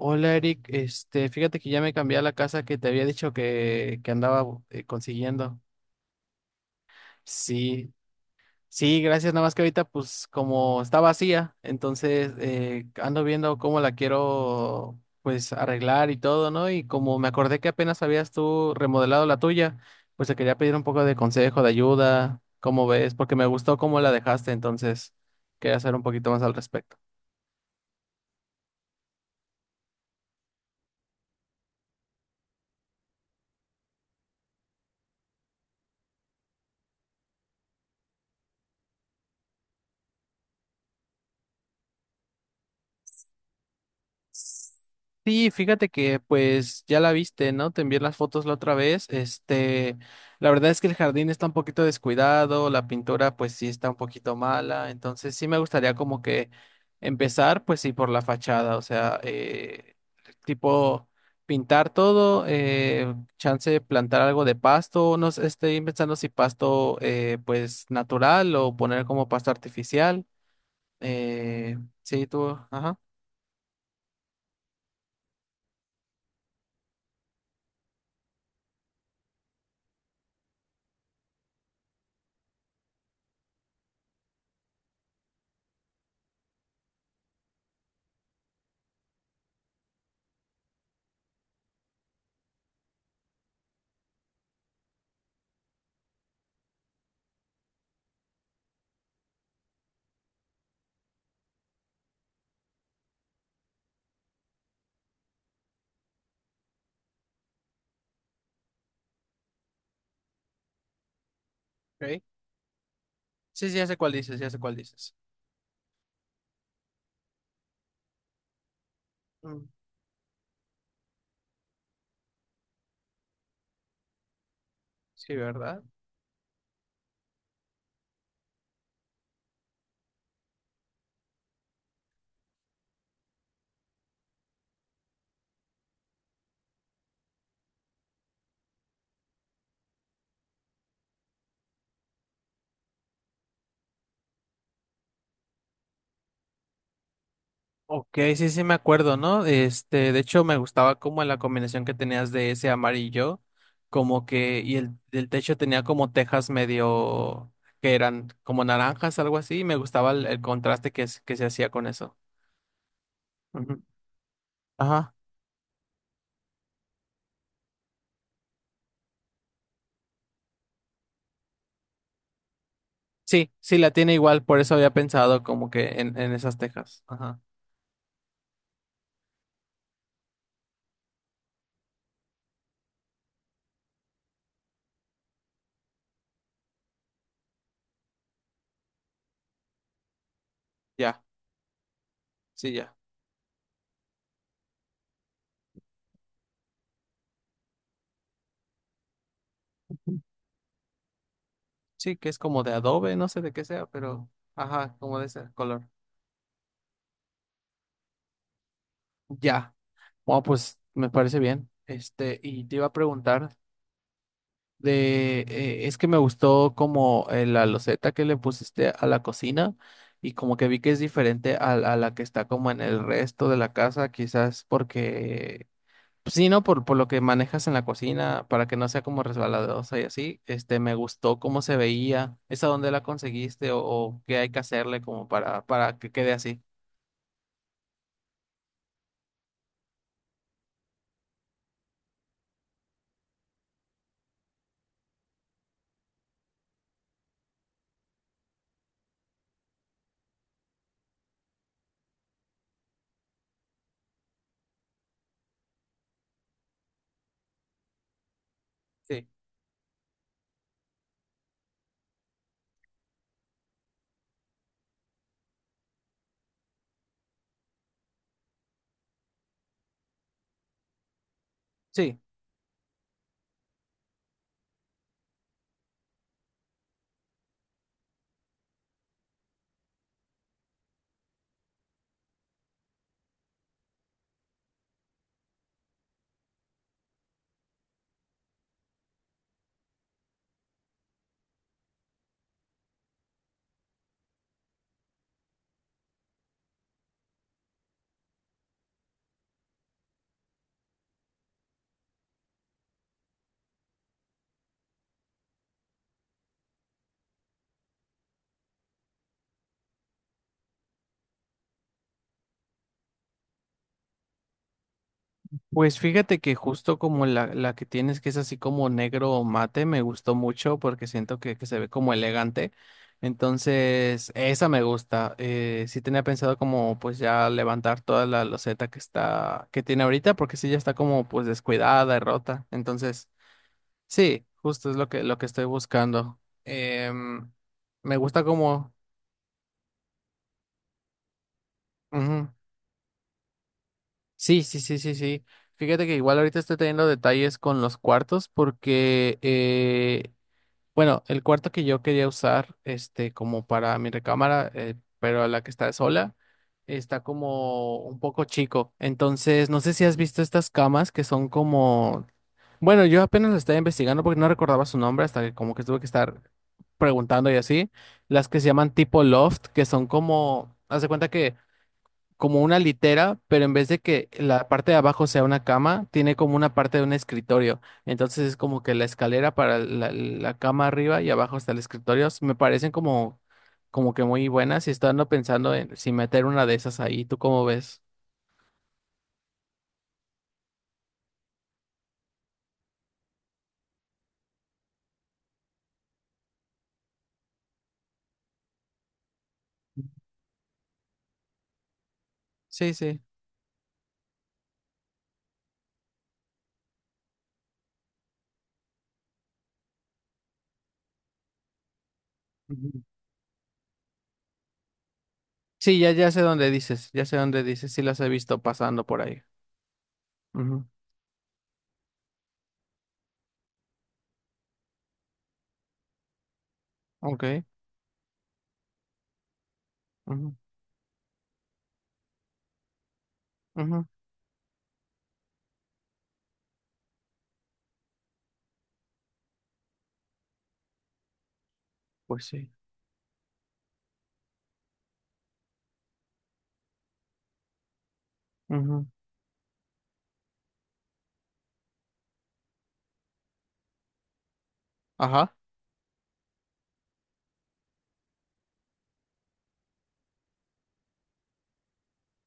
Hola Eric, fíjate que ya me cambié a la casa que te había dicho que andaba consiguiendo. Sí, sí, gracias, nada más que ahorita pues como está vacía, entonces ando viendo cómo la quiero pues arreglar y todo, ¿no? Y como me acordé que apenas habías tú remodelado la tuya, pues te quería pedir un poco de consejo, de ayuda, ¿cómo ves? Porque me gustó cómo la dejaste, entonces quería hacer un poquito más al respecto. Sí, fíjate que pues ya la viste, ¿no? Te envié las fotos la otra vez. La verdad es que el jardín está un poquito descuidado, la pintura pues sí está un poquito mala, entonces sí me gustaría como que empezar pues sí por la fachada, o sea, tipo pintar todo, chance de plantar algo de pasto, no sé, estoy pensando si pasto pues natural o poner como pasto artificial. Eh, sí, tú, ajá. Ok. Sí, sí, ya sé cuál dices, ya sé cuál dices. Mm, sí, ¿verdad? Ok, sí, sí me acuerdo, ¿no? De hecho me gustaba como la combinación que tenías de ese amarillo, como que, y el techo tenía como tejas medio, que eran como naranjas, algo así, y me gustaba el contraste que se hacía con eso. Ujú. Ajá. Sí, sí, la tiene igual, por eso había pensado como que en esas tejas. Ajá. Ya, sí, ya. Ujú. Sí, que es como de adobe, no sé de qué sea, pero, ajá, como de ese color. Ya. Bueno, pues me parece bien. Y te iba a preguntar es que me gustó como la loseta que le pusiste a la cocina y como que vi que es diferente a la que está como en el resto de la casa, quizás porque, pues sí, ¿no? Por lo que manejas en la cocina, para que no sea como resbaladosa y así. Me gustó cómo se veía. ¿Esa dónde la conseguiste o qué hay que hacerle como para que quede así? Sí. Sí. Pues fíjate que justo como la que tienes, que es así como negro o mate, me gustó mucho porque siento que se ve como elegante. Entonces, esa me gusta. Sí tenía pensado como pues ya levantar toda la loseta que está, que tiene ahorita, porque sí ya está como pues descuidada y rota. Entonces, sí, justo es lo lo que estoy buscando. Em, me gusta como... Ujú. Sí, sí, sí, sí, sí. Fíjate que igual ahorita estoy teniendo detalles con los cuartos porque bueno, el cuarto que yo quería usar, como para mi recámara, pero la que está sola, está como un poco chico. Entonces, no sé si has visto estas camas que son como, bueno, yo apenas lo estaba investigando porque no recordaba su nombre hasta que como que tuve que estar preguntando y así. Las que se llaman tipo loft, que son como, haz de cuenta que como una litera, pero en vez de que la parte de abajo sea una cama, tiene como una parte de un escritorio. Entonces es como que la escalera para la cama arriba y abajo está el escritorio. Me parecen como, como que muy buenas y estoy andando pensando en si meter una de esas ahí. ¿Tú cómo ves? Sí, sí. Ujú. Sí, ya, ya sé dónde dices, ya sé dónde dices, sí las he visto pasando por ahí. Ujú. Ok. Ujú, ujú. Pues sí. Ujú. Ajá.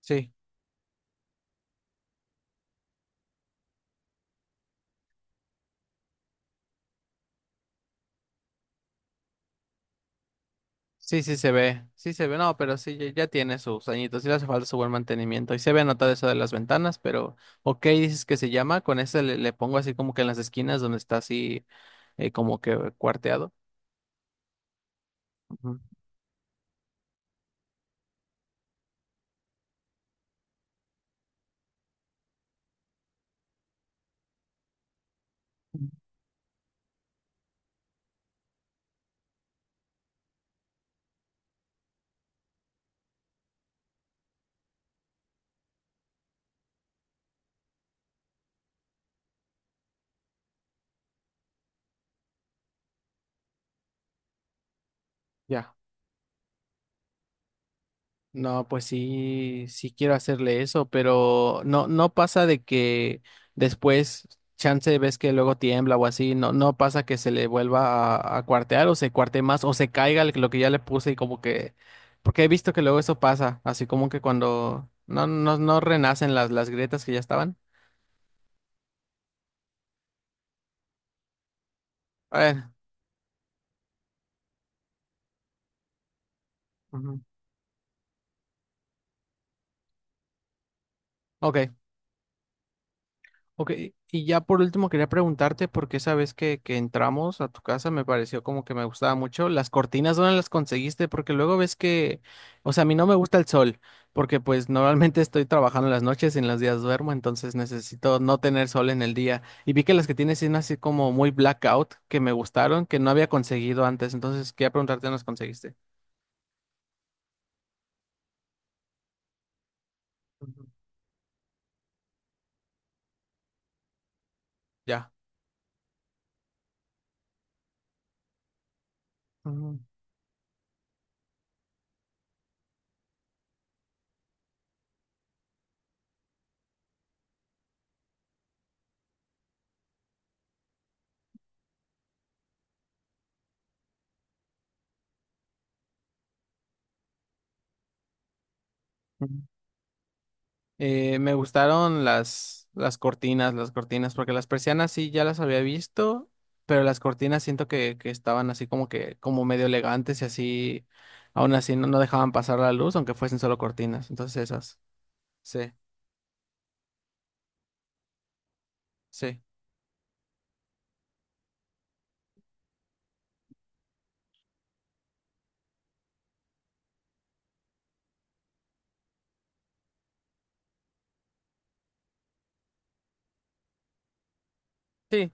Sí. Sí, sí se ve, no, pero sí, ya, ya tiene sus añitos, sí le hace falta su buen mantenimiento. Y se ve anotado eso de las ventanas, pero ok, dices que se llama, con ese le pongo así como que en las esquinas donde está así como que cuarteado. Ujú. Ya. No, pues sí, sí quiero hacerle eso, pero no, no pasa de que después, chance, ves que luego tiembla o así, no, no pasa que se le vuelva a cuartear o se cuarte más o se caiga lo que ya le puse y como que, porque he visto que luego eso pasa, así como que cuando no, no renacen las grietas que ya estaban. A ver, ujú, ok. Ok, y ya por último quería preguntarte, porque esa vez que entramos a tu casa me pareció como que me gustaba mucho. Las cortinas, ¿dónde las conseguiste? Porque luego ves que, o sea, a mí no me gusta el sol, porque pues normalmente estoy trabajando en las noches y en los días duermo, entonces necesito no tener sol en el día. Y vi que las que tienes son así como muy blackout, que me gustaron, que no había conseguido antes, entonces quería preguntarte dónde las conseguiste. Ujú, ya. Ujú, ujú. Me gustaron las cortinas, porque las persianas sí ya las había visto, pero las cortinas siento que estaban así como que, como medio elegantes y así, aún así no, no dejaban pasar la luz, aunque fuesen solo cortinas. Entonces esas, sí, sí, sí.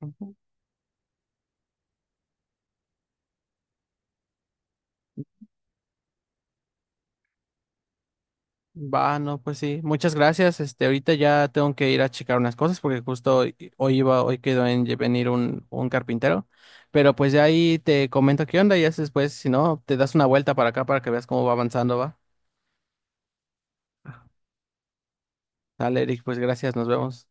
Ujú. Va, no, pues sí. Muchas gracias. Ahorita ya tengo que ir a checar unas cosas porque justo hoy, hoy quedó en venir un carpintero. Pero pues ya ahí te comento qué onda y ya después, si no, te das una vuelta para acá para que veas cómo va avanzando, va. Dale, Eric, pues gracias, nos vemos.